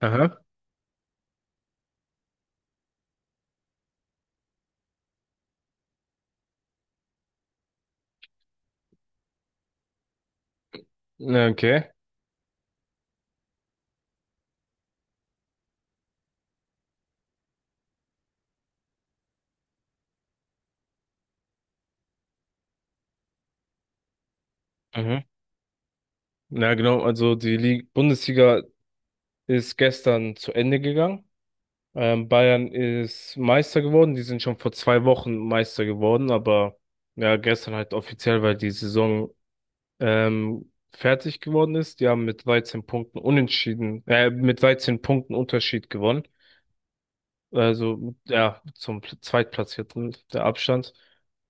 Aha. Ja, okay. Mhm. Ja, genau. Also Bundesliga ist gestern zu Ende gegangen. Bayern ist Meister geworden. Die sind schon vor 2 Wochen Meister geworden, aber ja, gestern halt offiziell, weil die Saison fertig geworden ist. Die haben mit 13 Punkten Unterschied gewonnen. Also ja, zum Zweitplatzierten der Abstand.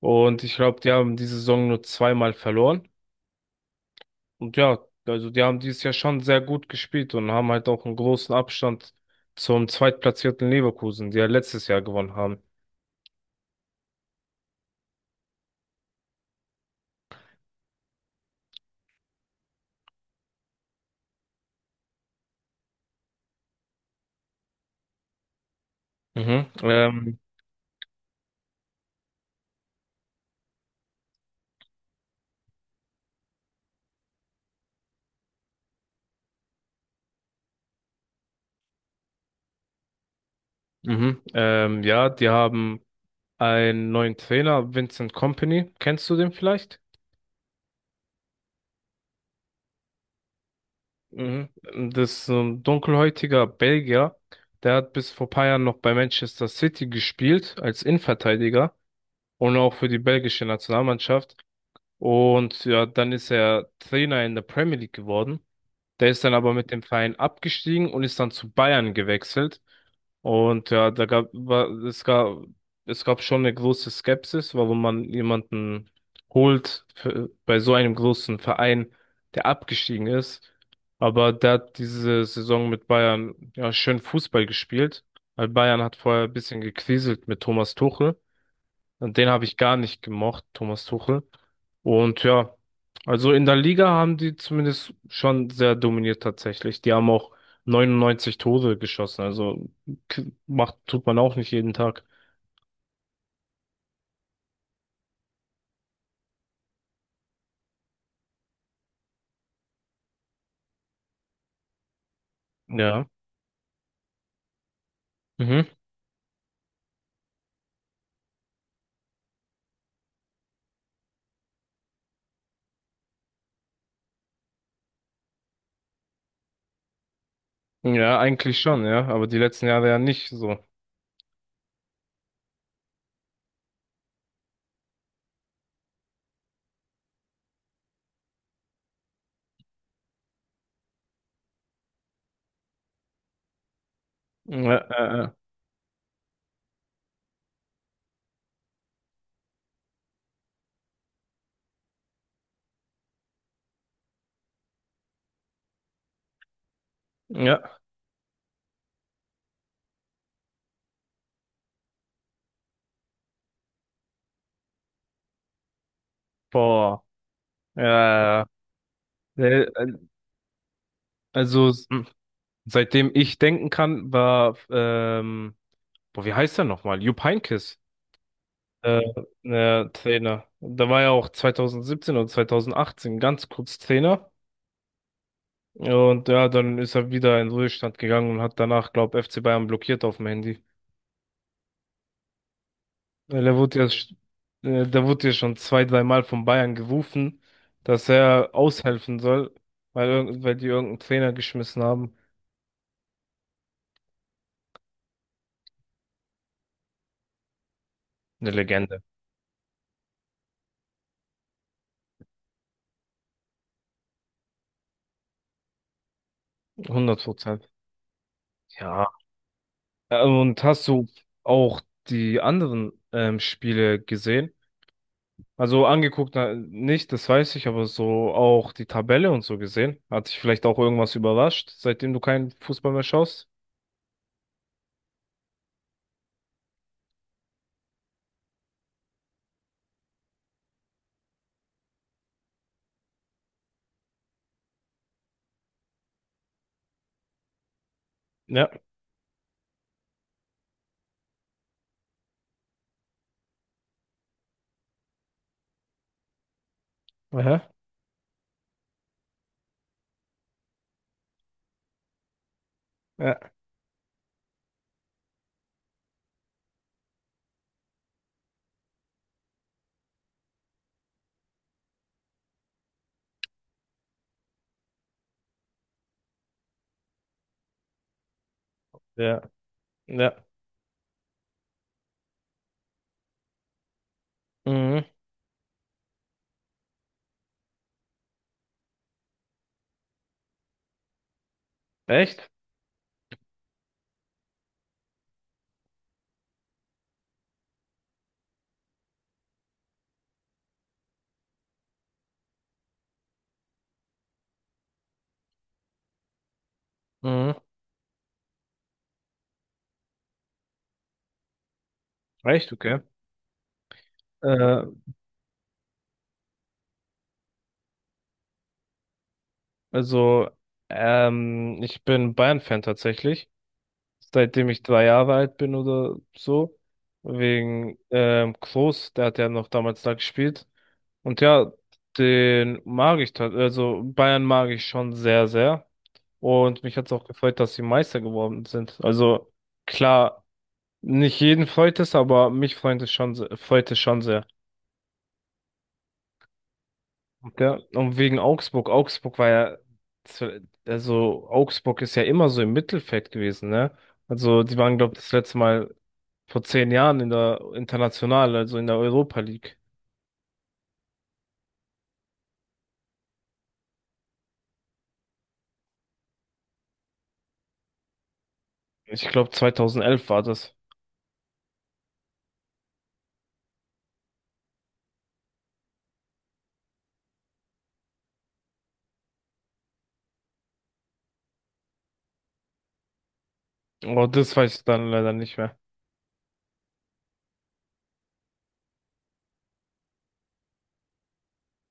Und ich glaube, die haben die Saison nur 2-mal verloren. Und ja, also die haben dieses Jahr schon sehr gut gespielt und haben halt auch einen großen Abstand zum zweitplatzierten Leverkusen, die ja letztes Jahr gewonnen haben. Mhm. Mhm. Ja, die haben einen neuen Trainer, Vincent Kompany. Kennst du den vielleicht? Mhm. Das ist so ein dunkelhäutiger Belgier. Der hat bis vor paar Jahren noch bei Manchester City gespielt als Innenverteidiger und auch für die belgische Nationalmannschaft. Und ja, dann ist er Trainer in der Premier League geworden. Der ist dann aber mit dem Verein abgestiegen und ist dann zu Bayern gewechselt. Und ja, da gab, war, es gab schon eine große Skepsis, warum man jemanden holt für, bei so einem großen Verein, der abgestiegen ist. Aber der hat diese Saison mit Bayern ja schön Fußball gespielt, weil Bayern hat vorher ein bisschen gekriselt mit Thomas Tuchel. Und den habe ich gar nicht gemocht, Thomas Tuchel. Und ja, also in der Liga haben die zumindest schon sehr dominiert tatsächlich. Die haben auch 99 Tore geschossen. Also macht, tut man auch nicht jeden Tag. Ja. Mhm. Ja, eigentlich schon, ja. Aber die letzten Jahre ja nicht so. Ja, äh, ja. Boah. Ja, ja, ja. Also s- hm. Seitdem ich denken kann, boah, wie heißt er nochmal? Jupp Heynckes. Äh, ja, Trainer. Da war er auch 2017 oder 2018 ganz kurz Trainer. Und ja, dann ist er wieder in den Ruhestand gegangen und hat danach, glaube FC Bayern blockiert auf dem Handy. Weil er wurde ja, da wurde ja schon zwei, dreimal von Bayern gerufen, dass er aushelfen soll, weil die irgendeinen Trainer geschmissen haben. Eine Legende. 100%. Ja. Und hast du auch die anderen Spiele gesehen? Also angeguckt na, nicht, das weiß ich, aber so auch die Tabelle und so gesehen. Hat dich vielleicht auch irgendwas überrascht, seitdem du keinen Fußball mehr schaust? Ja. Aha. Ja, ja, ja. Mhm. Echt? Mhm. Echt, okay. Äh, also, ich bin Bayern-Fan tatsächlich, seitdem ich 3 Jahre alt bin oder so. Wegen Klose, der hat ja noch damals da gespielt. Und ja, den mag ich, tat- also Bayern mag ich schon sehr, sehr. Und mich hat es auch gefreut, dass sie Meister geworden sind. Also klar, nicht jeden freut es, aber mich freut es schon, freut es schon sehr. Und ja, und wegen Augsburg. Also Augsburg ist ja immer so im Mittelfeld gewesen, ne? Also die waren, glaube ich, das letzte Mal vor 10 Jahren in der International, also in der Europa League. Ich glaube, 2011 war das. Aber das weiß ich dann leider nicht mehr.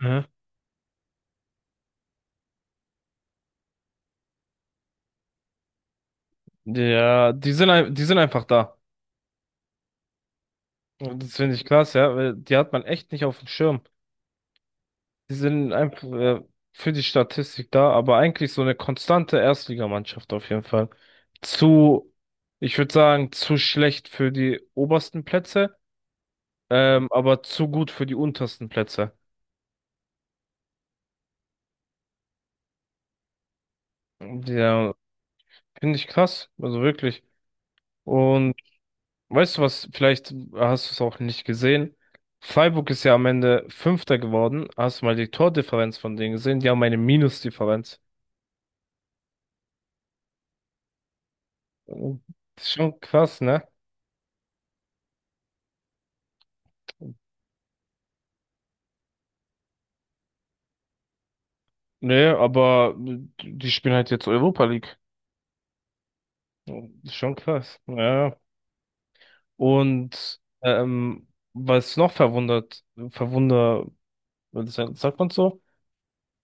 Mhm. Die sind einfach da. Und das finde ich krass, ja, weil die hat man echt nicht auf dem Schirm. Die sind einfach für die Statistik da, aber eigentlich so eine konstante Erstligamannschaft auf jeden Fall. Zu, Ich würde sagen, zu schlecht für die obersten Plätze, aber zu gut für die untersten Plätze. Ja, finde ich krass, also wirklich. Und weißt du was, vielleicht hast du es auch nicht gesehen. Freiburg ist ja am Ende Fünfter geworden. Hast du mal die Tordifferenz von denen gesehen? Die haben eine Minusdifferenz. Das ist schon krass, ne? Nee, aber die spielen halt jetzt Europa League. Ja, ist schon krass. Ja, ja. Und was noch verwunder, sagt man so,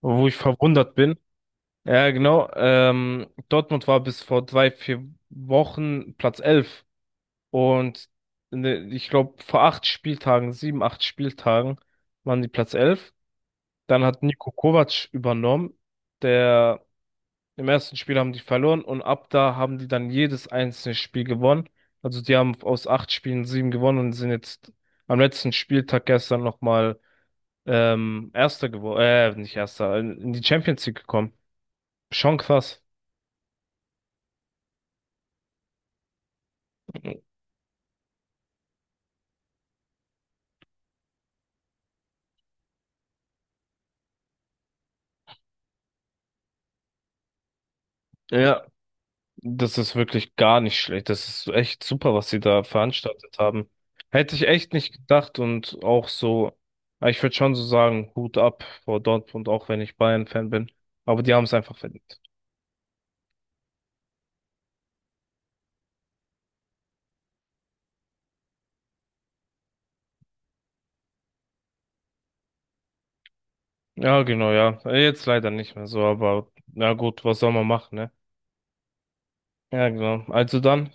wo ich verwundert bin. Ja, genau. Dortmund war bis vor drei, vier Wochen Platz elf. Und ne, Ich glaube, vor sieben, acht Spieltagen waren die Platz 11. Dann hat Niko Kovac übernommen, der. Im ersten Spiel haben die verloren und ab da haben die dann jedes einzelne Spiel gewonnen. Also die haben aus acht Spielen sieben gewonnen und sind jetzt am letzten Spieltag gestern nochmal nicht Erster, in die Champions League gekommen. Schon krass. Ja, das ist wirklich gar nicht schlecht. Das ist echt super, was sie da veranstaltet haben. Hätte ich echt nicht gedacht und auch so, ich würde schon so sagen, Hut ab vor Dortmund, auch wenn ich Bayern-Fan bin. Aber die haben es einfach verdient. Ja, genau, ja. Jetzt leider nicht mehr so, aber na gut, was soll man machen, ne? Ja, genau. Also dann.